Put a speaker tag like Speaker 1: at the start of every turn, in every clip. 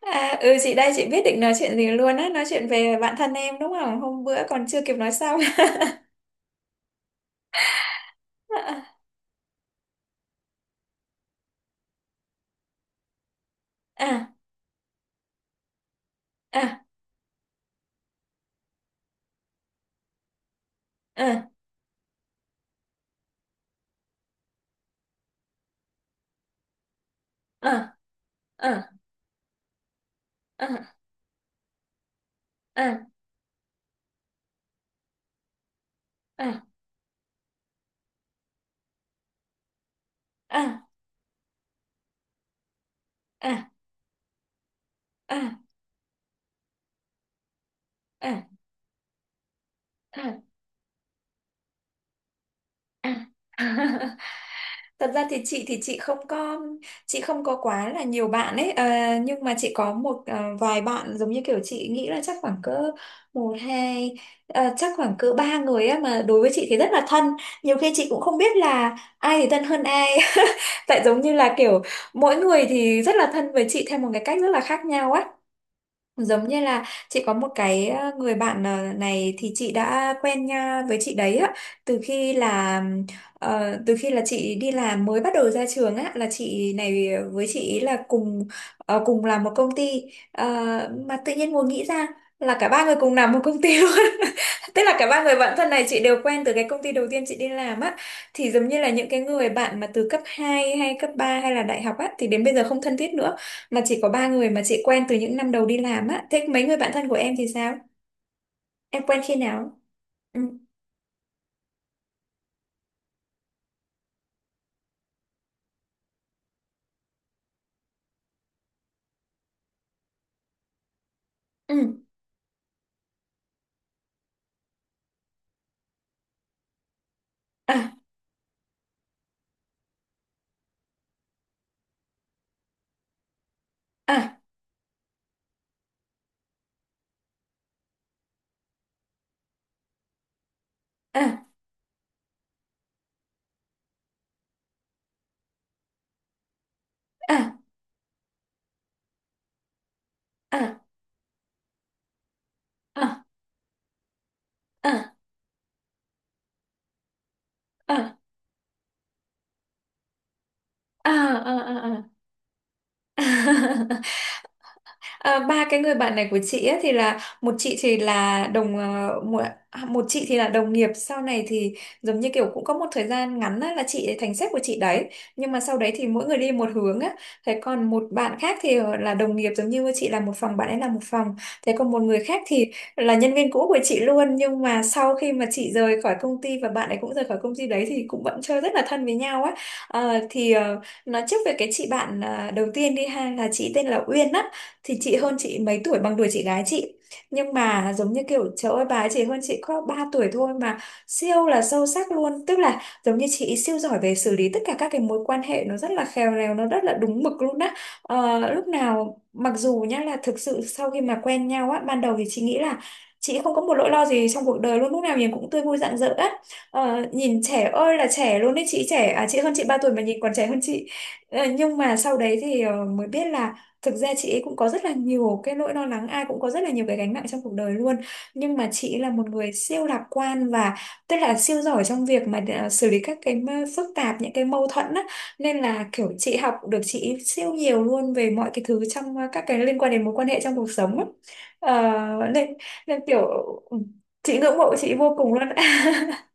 Speaker 1: À, ừ, chị đây. Chị biết định nói chuyện gì luôn á, nói chuyện về bạn thân em đúng không, hôm bữa còn chưa kịp nói xong. À, à, à, à, à, à, à, à, à, à, à, à, à, à. À. Thật ra thì chị không có, chị không có quá là nhiều bạn ấy, nhưng mà chị có một, vài bạn giống như kiểu chị nghĩ là chắc khoảng cỡ một hai, chắc khoảng cỡ ba người á, mà đối với chị thì rất là thân, nhiều khi chị cũng không biết là ai thì thân hơn ai. Tại giống như là kiểu mỗi người thì rất là thân với chị theo một cái cách rất là khác nhau á. Giống như là chị có một cái, người bạn, này thì chị đã quen nha với chị đấy á, từ khi là, từ khi là chị đi làm mới bắt đầu ra trường á, là chị này với chị ý là cùng, cùng làm một công ty. Ờ, mà tự nhiên ngồi nghĩ ra là cả ba người cùng làm một công ty luôn. Tức là cả ba người bạn thân này chị đều quen từ cái công ty đầu tiên chị đi làm á, thì giống như là những cái người bạn mà từ cấp 2 hay cấp 3 hay là đại học á thì đến bây giờ không thân thiết nữa, mà chỉ có ba người mà chị quen từ những năm đầu đi làm á. Thế mấy người bạn thân của em thì sao? Em quen khi nào? Ừ. Ừ. À, à, à, à, à, à, à, à, à, à, à, à. À, ba cái người bạn này của chị ấy, thì là một chị thì là đồng, một chị thì là đồng nghiệp, sau này thì giống như kiểu cũng có một thời gian ngắn á, là chị ấy thành sếp của chị đấy, nhưng mà sau đấy thì mỗi người đi một hướng á. Thế còn một bạn khác thì, là đồng nghiệp giống như chị, là một phòng bạn ấy là một phòng. Thế còn một người khác thì là nhân viên cũ của chị luôn, nhưng mà sau khi mà chị rời khỏi công ty và bạn ấy cũng rời khỏi công ty đấy thì cũng vẫn chơi rất là thân với nhau á. Ờ, thì ờ, nói trước về cái chị bạn, đầu tiên đi ha, là chị tên là Uyên á. Thì chị hơn chị mấy tuổi, bằng tuổi chị gái chị, nhưng mà giống như kiểu trời ơi, bà ấy chỉ hơn chị có 3 tuổi thôi mà siêu là sâu sắc luôn. Tức là giống như chị siêu giỏi về xử lý tất cả các cái mối quan hệ, nó rất là khéo léo, nó rất là đúng mực luôn á. Ờ, lúc nào, mặc dù nhá, là thực sự sau khi mà quen nhau á ban đầu thì chị nghĩ là chị không có một nỗi lo gì trong cuộc đời luôn, lúc nào nhìn cũng tươi vui rạng rỡ á. Ờ, nhìn trẻ ơi là trẻ luôn đấy, chị trẻ à, chị hơn chị 3 tuổi mà nhìn còn trẻ hơn chị. Ờ, nhưng mà sau đấy thì, mới biết là thực ra chị ấy cũng có rất là nhiều cái nỗi lo lắng, ai cũng có rất là nhiều cái gánh nặng trong cuộc đời luôn. Nhưng mà chị ấy là một người siêu lạc quan, và tức là siêu giỏi trong việc mà, xử lý các cái phức tạp, những cái mâu thuẫn á. Nên là kiểu chị học được chị ấy siêu nhiều luôn về mọi cái thứ trong, các cái liên quan đến mối quan hệ trong cuộc sống á. Ờ, nên, nên ừ, chị ngưỡng mộ chị vô cùng luôn.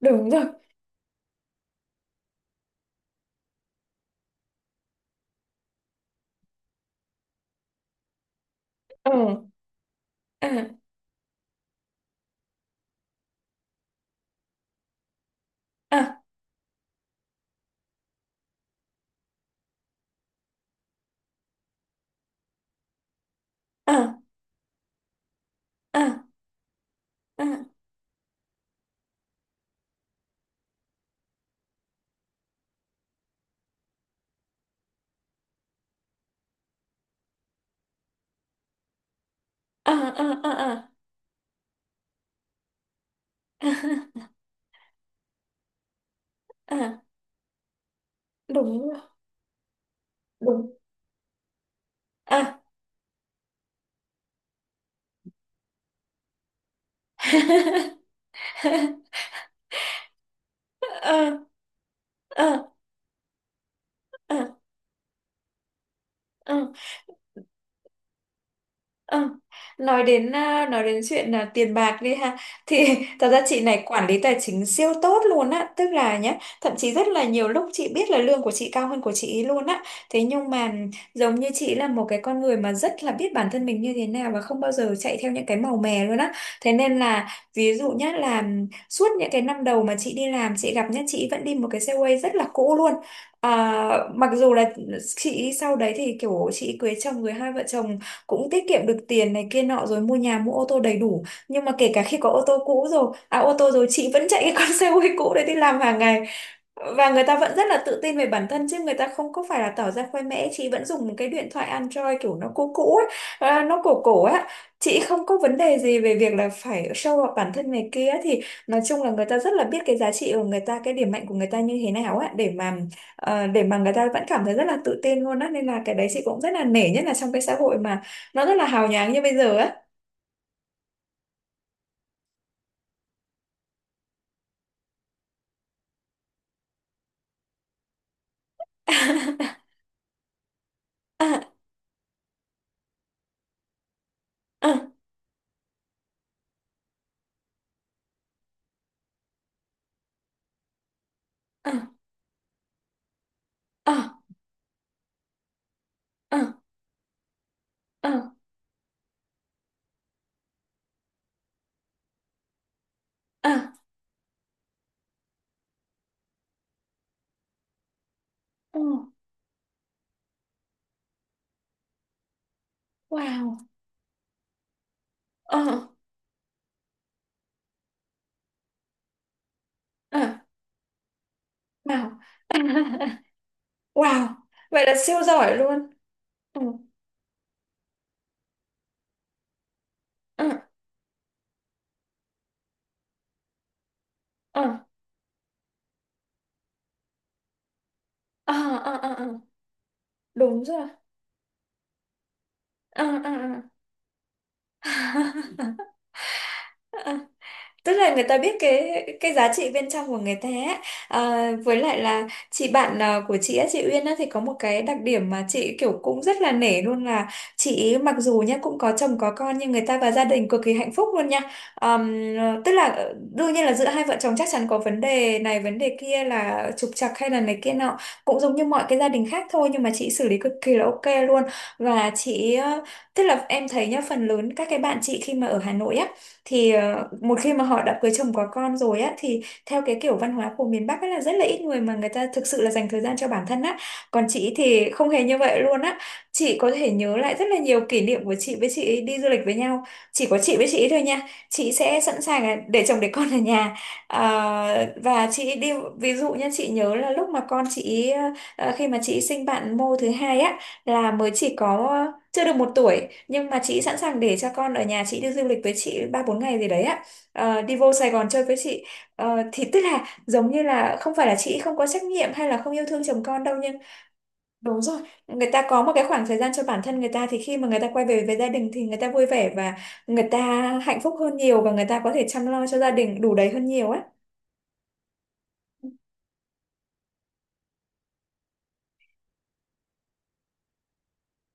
Speaker 1: Đúng rồi. Ừ. À, à, à, à, à, à, à, à, à, à, à, đúng rồi. Đúng. Ờ. Ờ, ờ, ờ, ờ. Ờ, nói đến, nói đến chuyện là tiền bạc đi ha, thì thật ra chị này quản lý tài chính siêu tốt luôn á. Tức là nhá, thậm chí rất là nhiều lúc chị biết là lương của chị cao hơn của chị ấy luôn á. Thế nhưng mà giống như chị là một cái con người mà rất là biết bản thân mình như thế nào, và không bao giờ chạy theo những cái màu mè luôn á. Thế nên là, ví dụ nhá là suốt những cái năm đầu mà chị đi làm chị gặp nhá, chị vẫn đi một cái xe quay rất là cũ luôn. À, mặc dù là chị sau đấy thì kiểu chị cưới chồng, người hai vợ chồng cũng tiết kiệm được tiền này kia nọ, rồi mua nhà mua ô tô đầy đủ, nhưng mà kể cả khi có ô tô cũ rồi, à ô tô rồi, chị vẫn chạy cái con xe hơi cũ đấy đi làm hàng ngày. Và người ta vẫn rất là tự tin về bản thân, chứ người ta không có phải là tỏ ra khoe mẽ. Chị vẫn dùng một cái điện thoại Android kiểu nó cũ cũ ấy, à, nó cổ cổ á. Chị không có vấn đề gì về việc là phải show off bản thân này kia. Thì nói chung là người ta rất là biết cái giá trị của người ta, cái điểm mạnh của người ta như thế nào á, để mà, để mà người ta vẫn cảm thấy rất là tự tin luôn á. Nên là cái đấy chị cũng rất là nể, nhất là trong cái xã hội mà nó rất là hào nhoáng như bây giờ á. À, à, à, à, à, à, à, à, wow, à, à. Wow. Wow. Vậy là siêu giỏi luôn. Ừ. Ừ. Ừ. Ờ, ờ, ờ, ờ. Đúng rồi. Ờ, ờ, ờ. Tức là người ta biết cái giá trị bên trong của người ta ấy. À, với lại là chị bạn, của chị á, chị Uyên á, thì có một cái đặc điểm mà chị kiểu cũng rất là nể luôn, là chị mặc dù nhá cũng có chồng có con, nhưng người ta và gia đình cực kỳ hạnh phúc luôn nha. Ờ, tức là, đương nhiên là giữa hai vợ chồng chắc chắn có vấn đề này vấn đề kia, là trục trặc hay là này kia nọ, cũng giống như mọi cái gia đình khác thôi, nhưng mà chị xử lý cực kỳ là ok luôn. Và chị, tức là em thấy nhá, phần lớn các cái bạn chị khi mà ở Hà Nội á, thì một khi mà họ đã cưới chồng có con rồi á, thì theo cái kiểu văn hóa của miền Bắc á là rất là ít người mà người ta thực sự là dành thời gian cho bản thân á. Còn chị thì không hề như vậy luôn á. Chị có thể nhớ lại rất là nhiều kỷ niệm của chị với chị ấy đi du lịch với nhau, chỉ có chị với chị ấy thôi nha. Chị sẽ sẵn sàng là để chồng để con ở nhà. Ờ, và chị ấy đi. Ví dụ nha, chị nhớ là lúc mà con chị ấy, khi mà chị ấy sinh bạn mô thứ hai á, là mới chỉ có chưa được một tuổi, nhưng mà chị sẵn sàng để cho con ở nhà, chị đi du lịch với chị ba bốn ngày gì đấy á. Ờ, đi vô Sài Gòn chơi với chị. Ờ, thì tức là giống như là không phải là chị không có trách nhiệm hay là không yêu thương chồng con đâu, nhưng đúng rồi, người ta có một cái khoảng thời gian cho bản thân người ta, thì khi mà người ta quay về với gia đình thì người ta vui vẻ, và người ta hạnh phúc hơn nhiều, và người ta có thể chăm lo cho gia đình đủ đầy hơn nhiều á.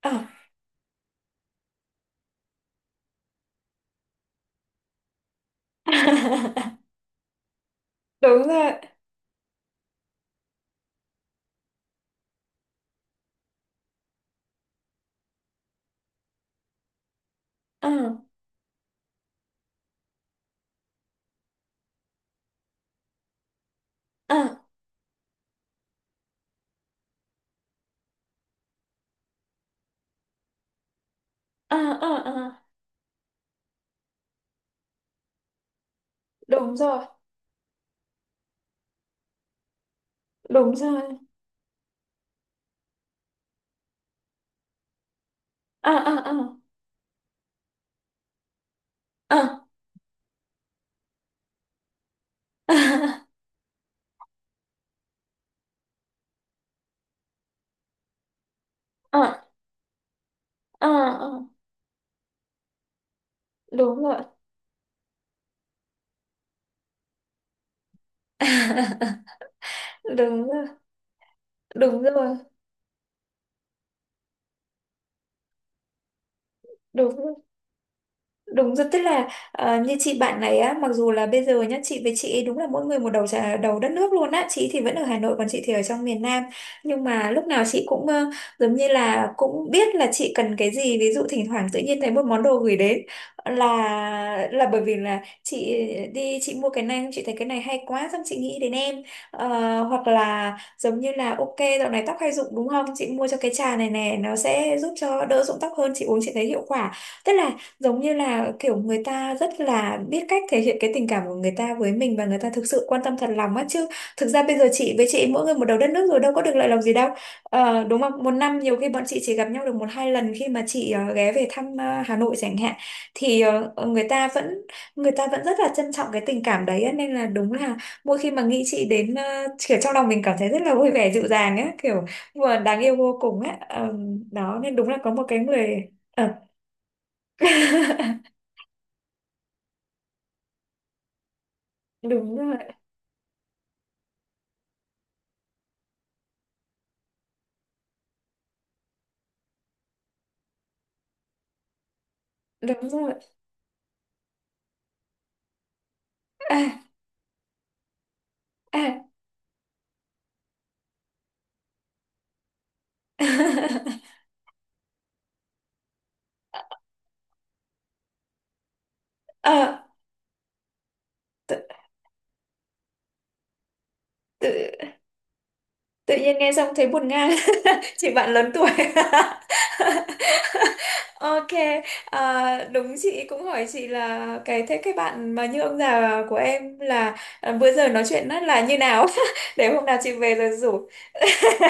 Speaker 1: Ờ. Đúng rồi. Ờ, ờ, ờ, ờ, ờ. Đúng rồi, đúng rồi. Ờ, ờ, ờ, ờ. À, à, à, đúng rồi. Đúng rồi, đúng rồi, đúng rồi. Đúng rồi, tức là, như chị bạn này á, mặc dù là bây giờ nhá, chị với chị ấy đúng là mỗi người một đầu trà, đầu đất nước luôn á, chị thì vẫn ở Hà Nội còn chị thì ở trong miền Nam. Nhưng mà lúc nào chị cũng, giống như là cũng biết là chị cần cái gì. Ví dụ thỉnh thoảng tự nhiên thấy một món đồ gửi đến, là bởi vì là chị đi chị mua cái này, chị thấy cái này hay quá, xong chị nghĩ đến em. Ờ, hoặc là giống như là ok, dạo này tóc hay rụng đúng không? Chị mua cho cái trà này nè, nó sẽ giúp cho đỡ rụng tóc hơn, chị uống chị thấy hiệu quả. Tức là giống như là kiểu người ta rất là biết cách thể hiện cái tình cảm của người ta với mình, và người ta thực sự quan tâm thật lòng á. Chứ thực ra bây giờ chị với chị mỗi người một đầu đất nước rồi, đâu có được lợi lòng gì đâu. Ờ, đúng không, một năm nhiều khi bọn chị chỉ gặp nhau được một hai lần, khi mà chị ghé về thăm, Hà Nội chẳng hạn, thì người ta vẫn, người ta vẫn rất là trân trọng cái tình cảm đấy á. Nên là đúng là mỗi khi mà nghĩ chị đến, kiểu trong lòng mình cảm thấy rất là vui vẻ dịu dàng á, kiểu vừa đáng yêu vô cùng á. Ờ, đó, nên đúng là có một cái người, ờ. Đúng rồi, đúng rồi. À, à. Ờ, tự, tự, tự nhiên nghe xong thấy buồn ngang. Chị bạn lớn tuổi. Ok. À, đúng, chị cũng hỏi chị là cái, thế cái bạn mà như ông già của em là, à, bữa giờ nói chuyện á là như nào. Để hôm nào chị về rồi rủ.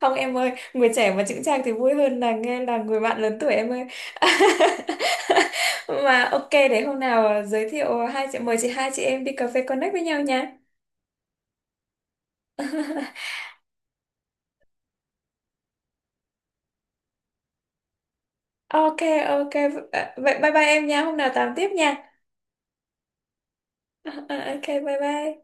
Speaker 1: Không em ơi, người trẻ mà chững chạc thì vui hơn là nghe là người bạn lớn tuổi em ơi. Mà ok, để hôm nào, giới thiệu, hai chị mời chị, hai chị em đi cà phê connect với nhau nha. Ok, ok, vậy bye bye em nha, hôm nào tám tiếp nha. Ok bye bye.